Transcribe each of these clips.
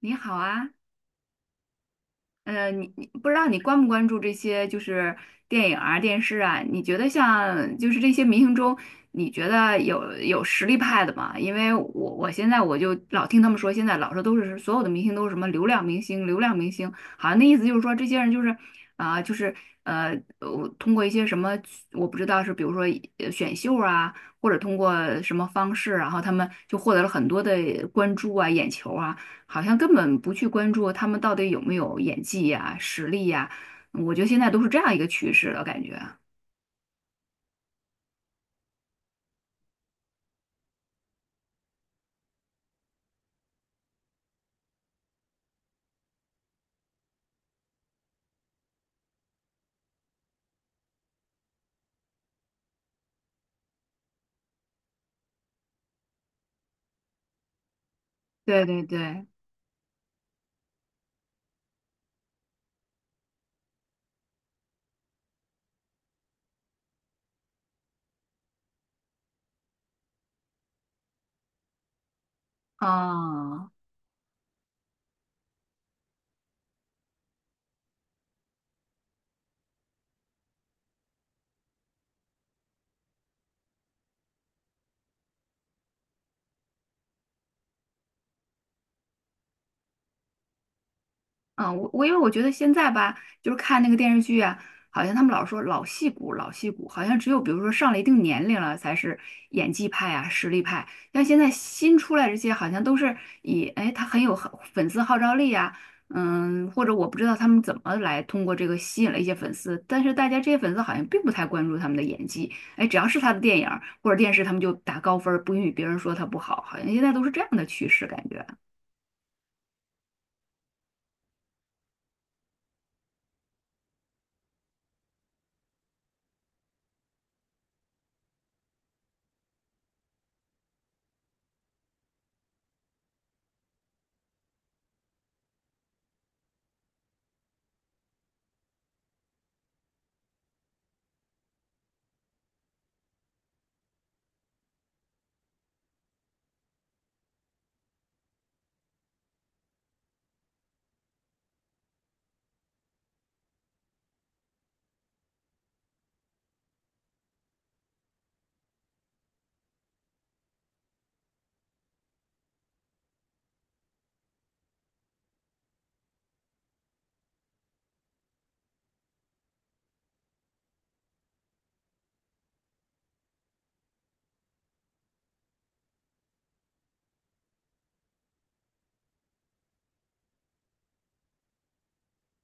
你好啊，你不知道你关不关注这些就是电影啊、电视啊？你觉得像就是这些明星中，你觉得有实力派的吗？因为我现在我就老听他们说，现在老说都是所有的明星都是什么流量明星、流量明星，好像那意思就是说这些人就是啊、就是我通过一些什么我不知道是比如说选秀啊，或者通过什么方式，然后他们就获得了很多的关注啊、眼球啊。好像根本不去关注他们到底有没有演技呀、实力呀。我觉得现在都是这样一个趋势了，感觉。对对对，啊。嗯，我因为我觉得现在吧，就是看那个电视剧啊，好像他们老说老戏骨，老戏骨，好像只有比如说上了一定年龄了才是演技派啊，实力派。像现在新出来这些，好像都是以哎他很有很粉丝号召力啊，嗯，或者我不知道他们怎么来通过这个吸引了一些粉丝，但是大家这些粉丝好像并不太关注他们的演技，哎，只要是他的电影儿或者电视，他们就打高分儿不允许别人说他不好，好像现在都是这样的趋势感觉。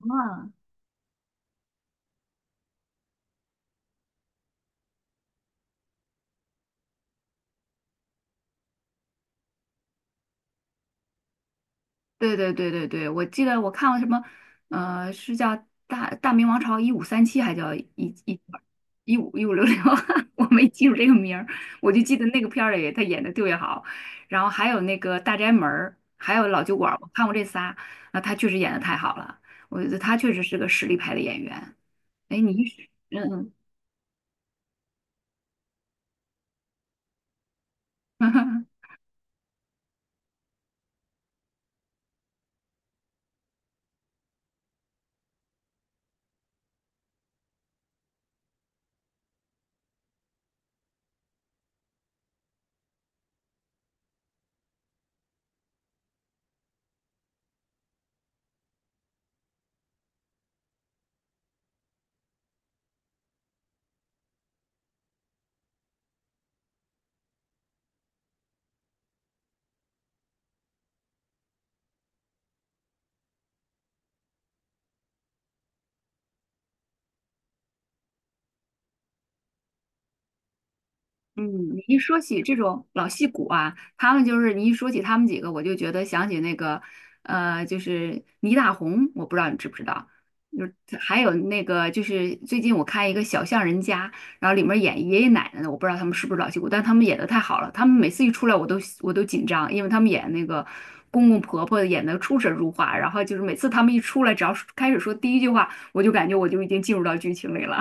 啊对对对对对，我记得我看了什么，是叫《大明王朝1537》，还叫1566，我没记住这个名儿，我就记得那个片儿里他演的特别好，然后还有那个《大宅门》，儿，还有《老酒馆》，我看过这仨，啊，他确实演的太好了，我觉得他确实是个实力派的演员。哎，你是嗯嗯。嗯，你一说起这种老戏骨啊，他们就是你一说起他们几个，我就觉得想起那个，就是倪大红，我不知道你知不知道，就是还有那个就是最近我看一个《小巷人家》，然后里面演爷爷奶奶的，我不知道他们是不是老戏骨，但他们演的太好了，他们每次一出来我都紧张，因为他们演那个公公婆婆演的出神入化，然后就是每次他们一出来，只要是开始说第一句话，我就感觉我就已经进入到剧情里了。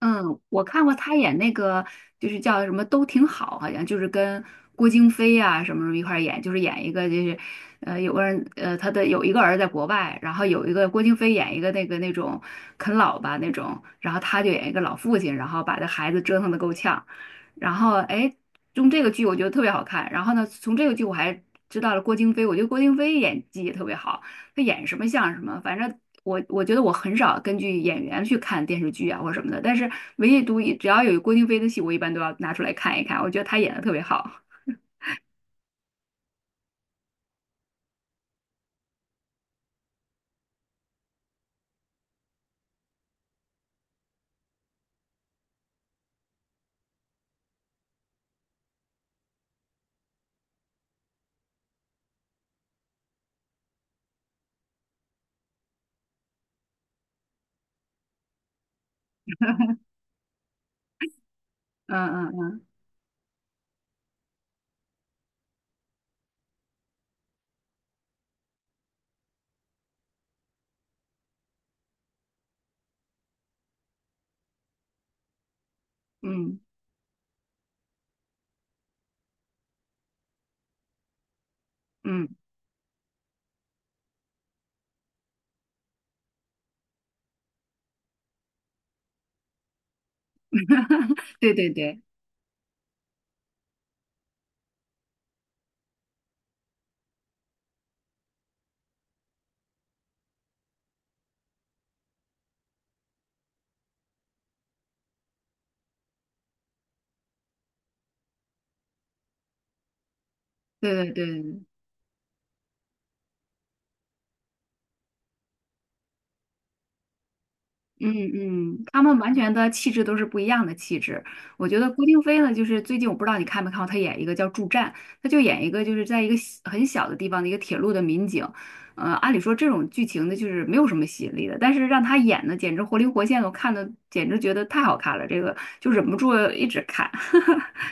嗯，我看过他演那个，就是叫什么都挺好，好像就是跟郭京飞啊什么什么一块儿演，就是演一个就是，有个人他的有一个儿子在国外，然后有一个郭京飞演一个那个那种啃老吧那种，然后他就演一个老父亲，然后把这孩子折腾的够呛，然后哎，用这个剧我觉得特别好看，然后呢，从这个剧我还知道了郭京飞，我觉得郭京飞演技也特别好。他演什么像什么，反正我觉得我很少根据演员去看电视剧啊或什么的，但是唯独一只要有郭京飞的戏，我一般都要拿出来看一看，我觉得他演的特别好。嗯嗯嗯嗯嗯，对对对对对对。嗯嗯，他们完全的气质都是不一样的气质。我觉得郭京飞呢，就是最近我不知道你看没看过，他演一个叫《助战》，他就演一个就是在一个很小的地方的一个铁路的民警。按理说这种剧情呢，就是没有什么吸引力的，但是让他演的简直活灵活现的，我看的简直觉得太好看了，这个就忍不住一直看。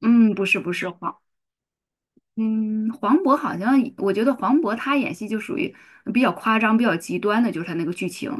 嗯，不是不是，黄渤好像，我觉得黄渤他演戏就属于比较夸张、比较极端的，就是他那个剧情。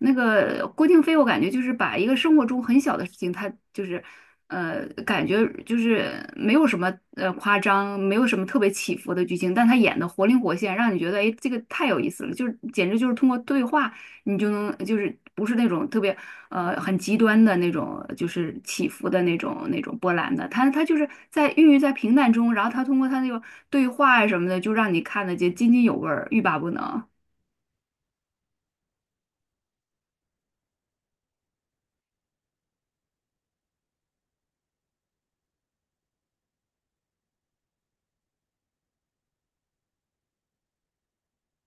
那个郭京飞，我感觉就是把一个生活中很小的事情，他就是，感觉就是没有什么夸张，没有什么特别起伏的剧情，但他演的活灵活现，让你觉得哎，这个太有意思了，就是简直就是通过对话，你就能就是不是那种特别。很极端的那种，就是起伏的那种波澜的。他就是在孕育在平淡中，然后他通过他那个对话啊什么的，就让你看得见津津有味儿，欲罢不能。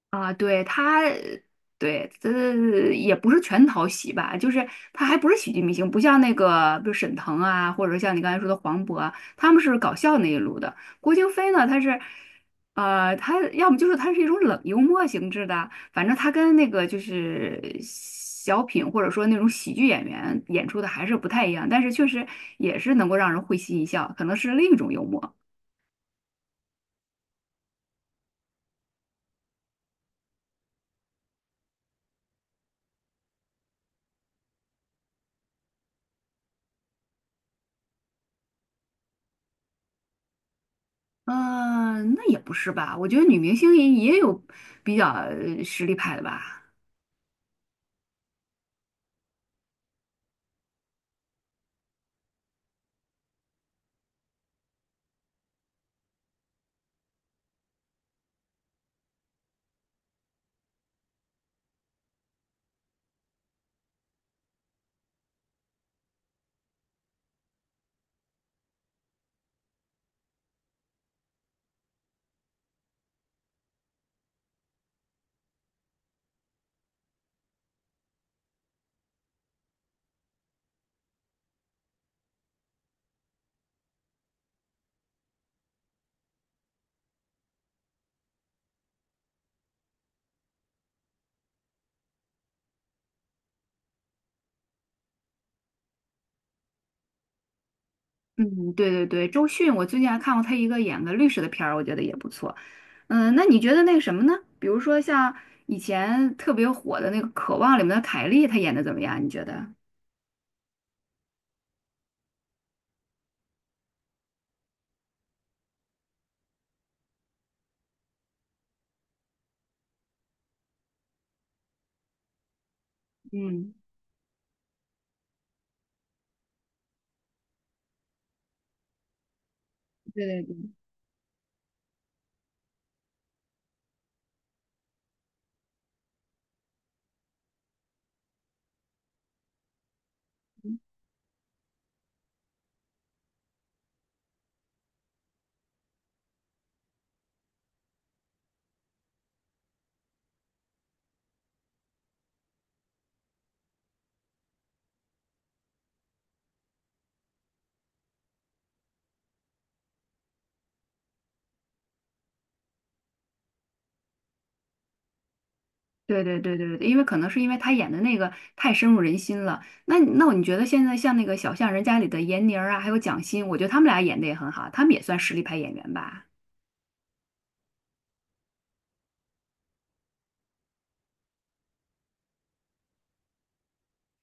啊，对他，对，这也不是全讨喜吧，就是他还不是喜剧明星，不像那个，比如沈腾啊，或者像你刚才说的黄渤啊，他们是搞笑那一路的。郭京飞呢，他是，他要么就是他是一种冷幽默性质的，反正他跟那个就是小品或者说那种喜剧演员演出的还是不太一样，但是确实也是能够让人会心一笑，可能是另一种幽默。嗯，那也不是吧？我觉得女明星也有比较实力派的吧。嗯，对对对，周迅，我最近还看过她一个演个律师的片儿，我觉得也不错。嗯，那你觉得那个什么呢？比如说像以前特别火的那个《渴望》里面的凯莉，她演的怎么样？你觉得？嗯，对对对。对对对对对，因为可能是因为她演的那个太深入人心了。那你觉得现在像那个《小巷人家》里的闫妮儿啊，还有蒋欣，我觉得他们俩演的也很好，他们也算实力派演员吧。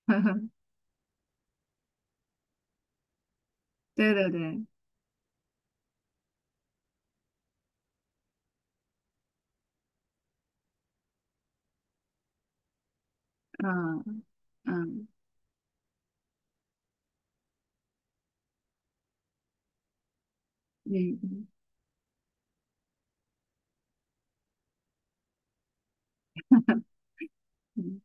对对对，嗯嗯嗯嗯嗯，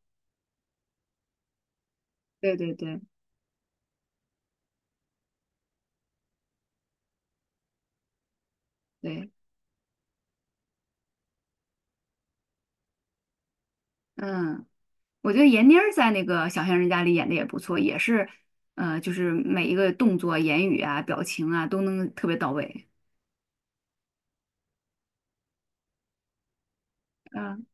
对对对对，嗯，我觉得闫妮儿在那个《小巷人家》里演的也不错，也是，就是每一个动作、言语啊、表情啊都能特别到位。嗯，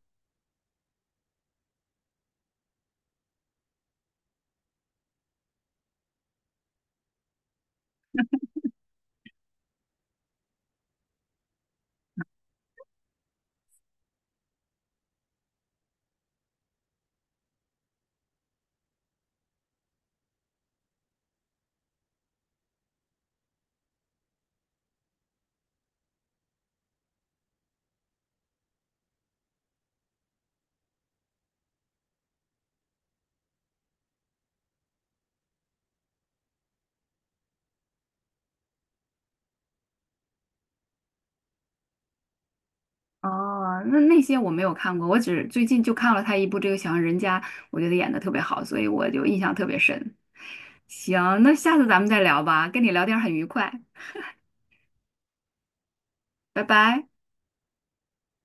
哦，那那些我没有看过，我只最近就看了她一部这个《小巷人家》，我觉得演的特别好，所以我就印象特别深。行，那下次咱们再聊吧，跟你聊天很愉快，拜拜。